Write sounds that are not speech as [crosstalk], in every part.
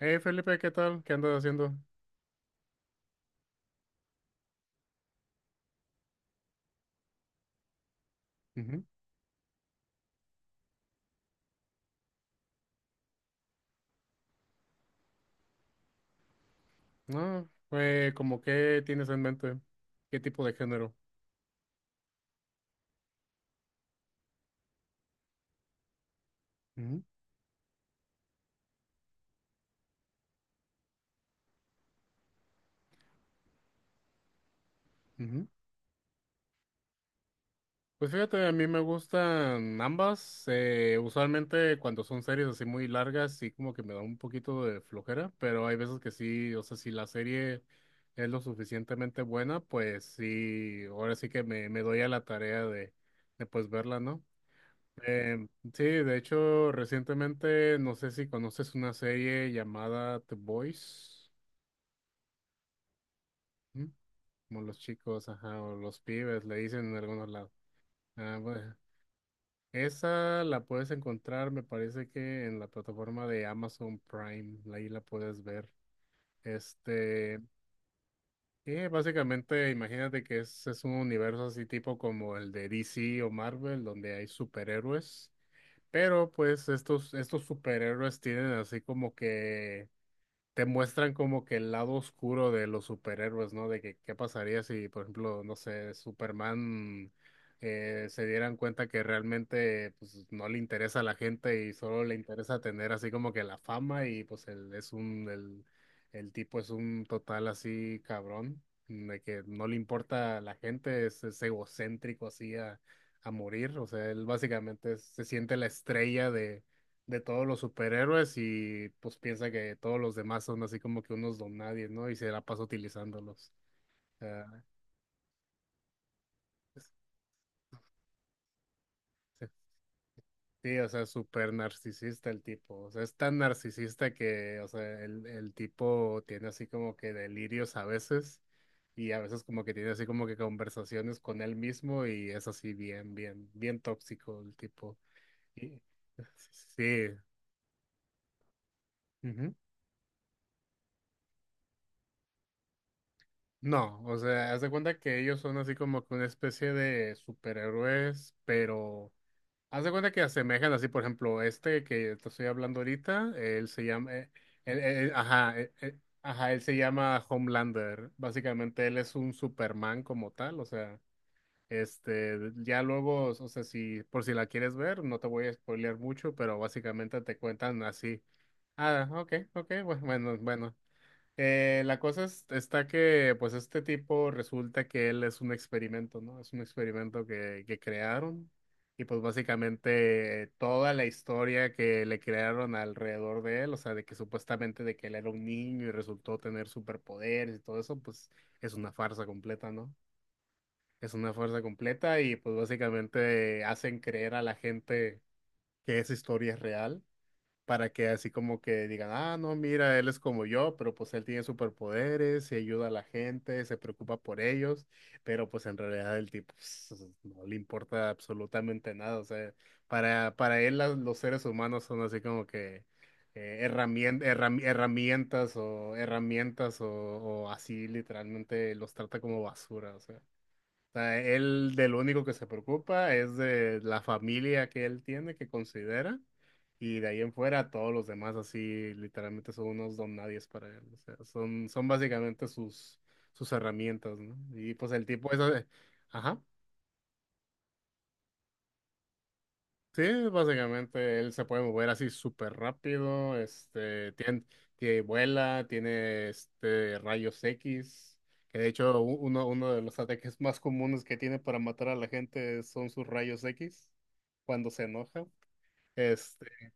Hey Felipe, ¿qué tal? ¿Qué andas haciendo? Ujú. No, como qué tienes en mente, qué tipo de género. Ujú, ujú. Pues fíjate, a mí me gustan ambas. Usualmente cuando son series así muy largas, sí como que me da un poquito de flojera, pero hay veces que sí, o sea, si la serie es lo suficientemente buena, pues sí, ahora sí que me doy a la tarea de pues verla, ¿no? Eh, sí, de hecho, recientemente, no sé si conoces una serie llamada The Boys, ¿m? Como los chicos, ajá, o los pibes, le dicen en algunos lados. Ah, bueno. Esa la puedes encontrar, me parece que en la plataforma de Amazon Prime, ahí la puedes ver. Este, y básicamente, imagínate que es un universo así tipo como el de DC o Marvel, donde hay superhéroes. Pero pues estos superhéroes tienen así como que te muestran como que el lado oscuro de los superhéroes, ¿no? De que qué pasaría si, por ejemplo, no sé, Superman se dieran cuenta que realmente pues, no le interesa a la gente y solo le interesa tener así como que la fama y pues él es el tipo es un total así cabrón, de que no le importa a la gente, es egocéntrico a morir, o sea, él básicamente se siente la estrella de todos los superhéroes y pues piensa que todos los demás son así como que unos don nadie, ¿no? Y se la pasa utilizándolos. O sea, es- es- sí, o sea, súper narcisista el tipo. O sea, es tan narcisista que, o sea, el tipo tiene así como que delirios a veces y a veces como que tiene así como que conversaciones con él mismo y es así bien, bien, bien tóxico el tipo. Y, [laughs] sí. Sí. Ujú. No, o sea, haz de cuenta que ellos son así como que una especie de superhéroes, pero haz de cuenta que asemejan así, por ejemplo, este que te estoy hablando ahorita, él se llama, ajá, ajá, él se llama Homelander. Básicamente él es un Superman como tal, o sea, este, ya luego, o sea, si por si la quieres ver, no te voy a spoilear mucho, pero básicamente te cuentan así. Ah, ok, ok, bueno, bueno. La cosa está que, pues, este tipo resulta que él es un experimento, ¿no? Es un experimento que crearon y, pues, básicamente toda la historia que le crearon alrededor de él, o sea, de que supuestamente de que él era un niño y resultó tener superpoderes y todo eso, pues, es una farsa completa, ¿no? Es una farsa completa y, pues, básicamente hacen creer a la gente que esa historia es real para que así como que digan, ah, no, mira, él es como yo, pero pues él tiene superpoderes y ayuda a la gente, se preocupa por ellos, pero pues en realidad el tipo pues, no le importa absolutamente nada, o sea, para él los seres humanos son así como que herramientas, herramientas o así literalmente los trata como basura, sea, él del único que se preocupa es de la familia que él tiene, que considera, y de ahí en fuera todos los demás así literalmente son unos don nadies para él. O sea, son básicamente sus herramientas, ¿no? Y pues el tipo eso de- Ajá. Sí, básicamente él se puede mover así súper rápido, este, tiene, vuela, tiene este rayos X, que de hecho uno de los ataques más comunes que tiene para matar a la gente son sus rayos X cuando se enoja. Este,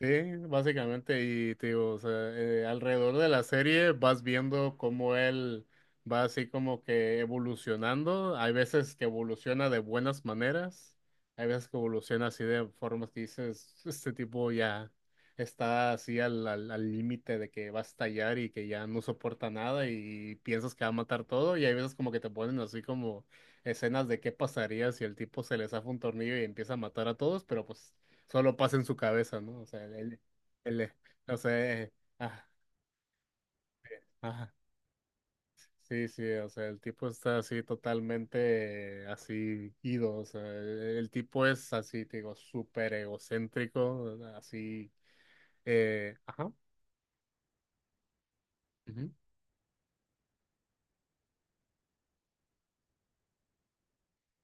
sí, básicamente, y te digo, o sea, alrededor de la serie vas viendo cómo él va así como que evolucionando. Hay veces que evoluciona de buenas maneras, hay veces que evoluciona así de formas que dices, este tipo ya está así al límite de que va a estallar y que ya no soporta nada y piensas que va a matar todo. Y hay veces como que te ponen así como escenas de qué pasaría si el tipo se le zafa un tornillo y empieza a matar a todos, pero pues solo pasa en su cabeza, ¿no? O sea, él, o sea, ah, ah, sí, sí, o sea, el tipo está así totalmente así ido, o sea, el tipo es así, te digo, súper egocéntrico, así, ajá. Ujú.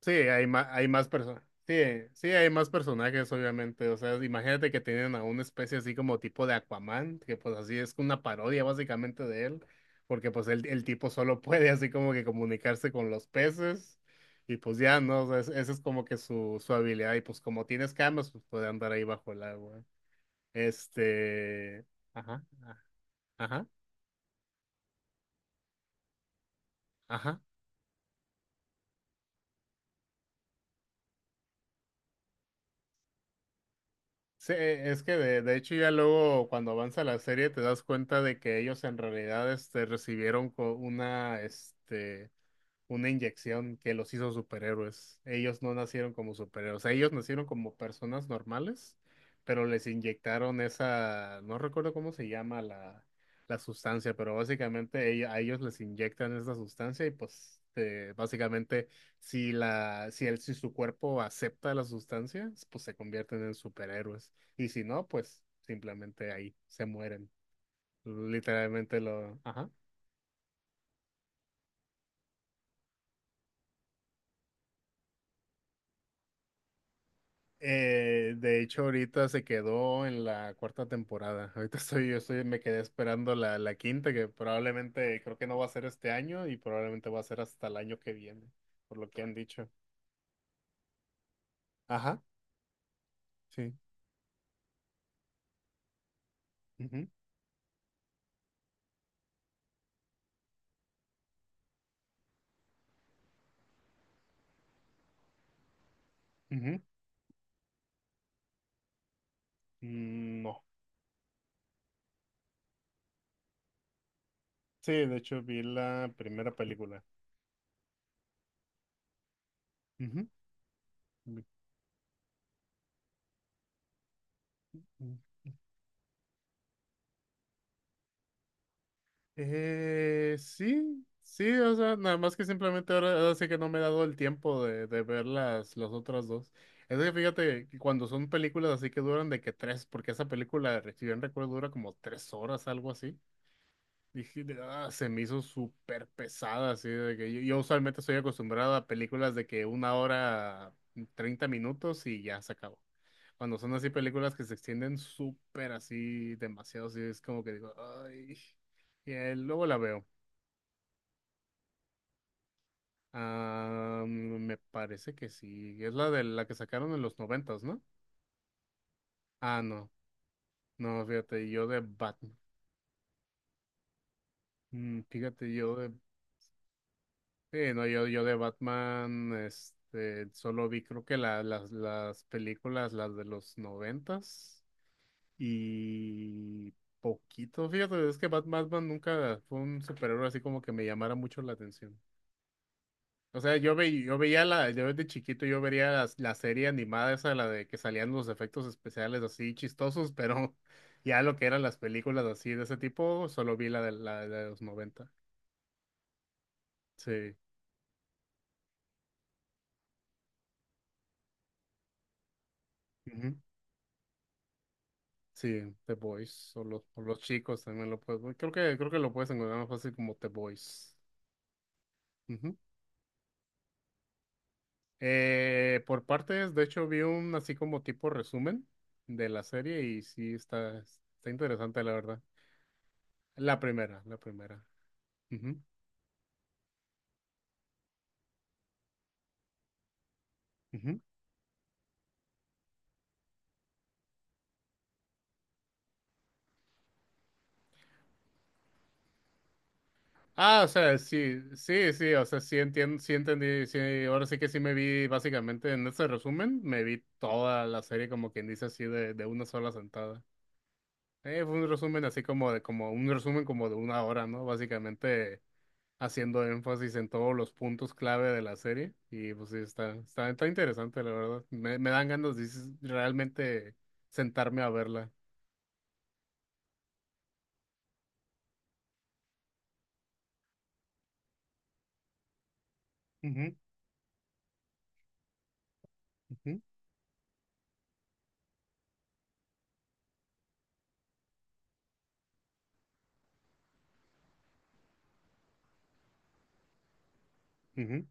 Sí, hay más personas. Sí, sí, hay más personajes, obviamente. O sea, imagínate que tienen a una especie así como tipo de Aquaman, que pues así es una parodia básicamente de él, porque pues el tipo solo [laughs] puede así como que comunicarse con los peces y pues ya, ¿no? O sea, esa es como que su habilidad y pues como tienes camas, pues puede andar ahí bajo el agua. Este... Ajá, ajá, ajá. Sí, es que de hecho ya luego cuando avanza la serie te das cuenta de que ellos en realidad este, recibieron este, una inyección que los hizo superhéroes. Ellos no nacieron como superhéroes, ellos nacieron como personas normales, pero les inyectaron esa, no recuerdo cómo se llama la, la sustancia, pero básicamente a ellos les inyectan esa sustancia y pues básicamente si la, si el, si su cuerpo acepta la sustancia, pues se convierten en superhéroes. Y si no, pues simplemente ahí se mueren. Literalmente lo, ajá. De hecho, ahorita se quedó en la cuarta temporada. Ahorita estoy, yo estoy, me quedé esperando la quinta, que probablemente creo que no va a ser este año y probablemente va a ser hasta el año que viene, por lo que han dicho. Ajá, sí. Ujú, ujú. Mm. No, sí, de hecho vi la primera película. Ujú. Sí, sí, o sea, nada más que simplemente ahora, ahora sí que no me he dado el tiempo de ver las otras dos. Es que fíjate que cuando son películas así que duran de que tres, porque esa película, si bien recuerdo, dura como tres horas, algo así. Dije, "Ah", se me hizo súper pesada, así de que yo usualmente estoy acostumbrado a películas de que una hora, 30 minutos y ya se acabó. Cuando son así películas que se extienden súper así, demasiado, así es como que digo, ay, y, luego la veo. Ah, me parece que sí, es la de la que sacaron en los noventas, ¿no? Ah, no, no, fíjate, yo de Batman. Mm, fíjate, yo de sí, no, yo de Batman, este, solo vi creo que las películas, las de los noventas y poquito, fíjate, es que Batman nunca fue un superhéroe así como que me llamara mucho la atención. O sea, yo, ve, yo veía la, yo desde chiquito yo veía serie animada esa, la de que salían los efectos especiales así chistosos, pero [laughs] ya lo que eran las películas así de ese tipo, solo vi la de los noventa. Sí. Sí, The Boys o los chicos también lo puedes. Creo que lo puedes encontrar más fácil como The Boys. Ujú. Por partes, de hecho, vi un así como tipo resumen de la serie y sí está, está interesante, la verdad. La primera, la primera. Ujú, ujú. Ah, o sea, sí, sí, sí, o sea, sí entiendo, sí entendí, sí, ahora sí que sí me vi básicamente en ese resumen, me vi toda la serie como quien dice así de una sola sentada. Fue un resumen así como de, como un resumen como de una hora, ¿no? Básicamente haciendo énfasis en todos los puntos clave de la serie. Y pues sí, está, está, está interesante, la verdad. Me dan ganas de realmente sentarme a verla. Ujú, ujú, ujú,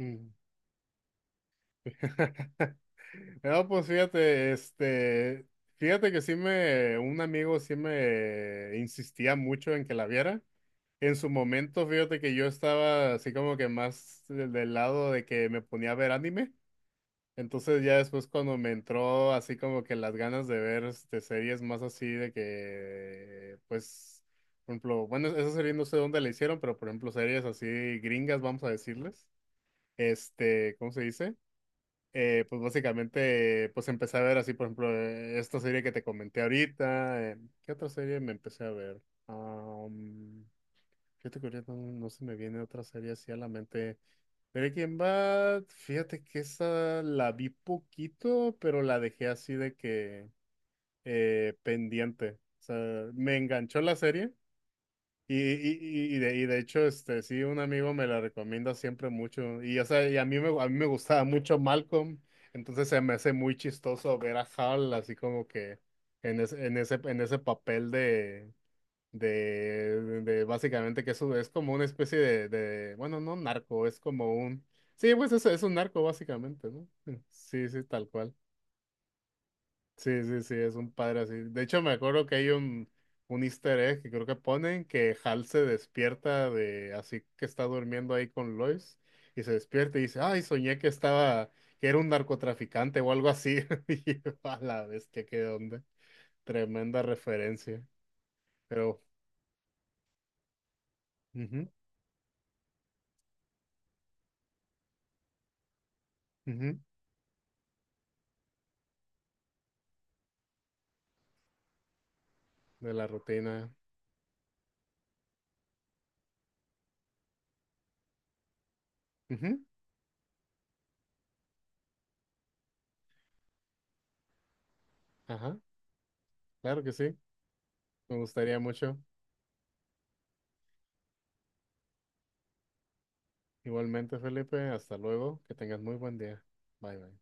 mm. [laughs] No, pues fíjate, este, fíjate que sí me, un amigo sí me insistía mucho en que la viera. En su momento, fíjate que yo estaba así como que más del lado de que me ponía a ver anime. Entonces ya después cuando me entró así como que las ganas de ver este, series más así de que, pues, por ejemplo, bueno, esa serie no sé dónde la hicieron, pero por ejemplo series así gringas, vamos a decirles, este, ¿cómo se dice? Pues básicamente, pues empecé a ver así, por ejemplo, esta serie que te comenté ahorita. ¿Qué otra serie me empecé a ver? Am, Fíjate que ahorita no, no se me viene otra serie así a la mente. Breaking Bad, fíjate que esa la vi poquito, pero la dejé así de que pendiente. O sea, me enganchó la serie y de hecho, este, sí, un amigo me la recomienda siempre mucho. Y, o sea, y a a mí me gustaba mucho Malcolm, entonces se me hace muy chistoso ver a Hal así como que en en ese papel de de básicamente que eso es como una especie de, bueno, no narco, es como un, sí, pues eso es un narco básicamente, ¿no? Sí, sí, tal cual. Sí, sí, sí, es un padre así. De hecho, me acuerdo que hay un easter egg que creo que ponen que Hal se despierta de, así que está durmiendo ahí con Lois y se despierta y dice, ay, soñé que estaba, que era un narcotraficante o algo así. [laughs] Y yo, a la bestia, qué onda. Tremenda referencia. Pero, ujú, ujú. De la rutina. Ujú, ajá, claro que sí. Me gustaría mucho. Igualmente, Felipe, hasta luego. Que tengas muy buen día. Bye, bye.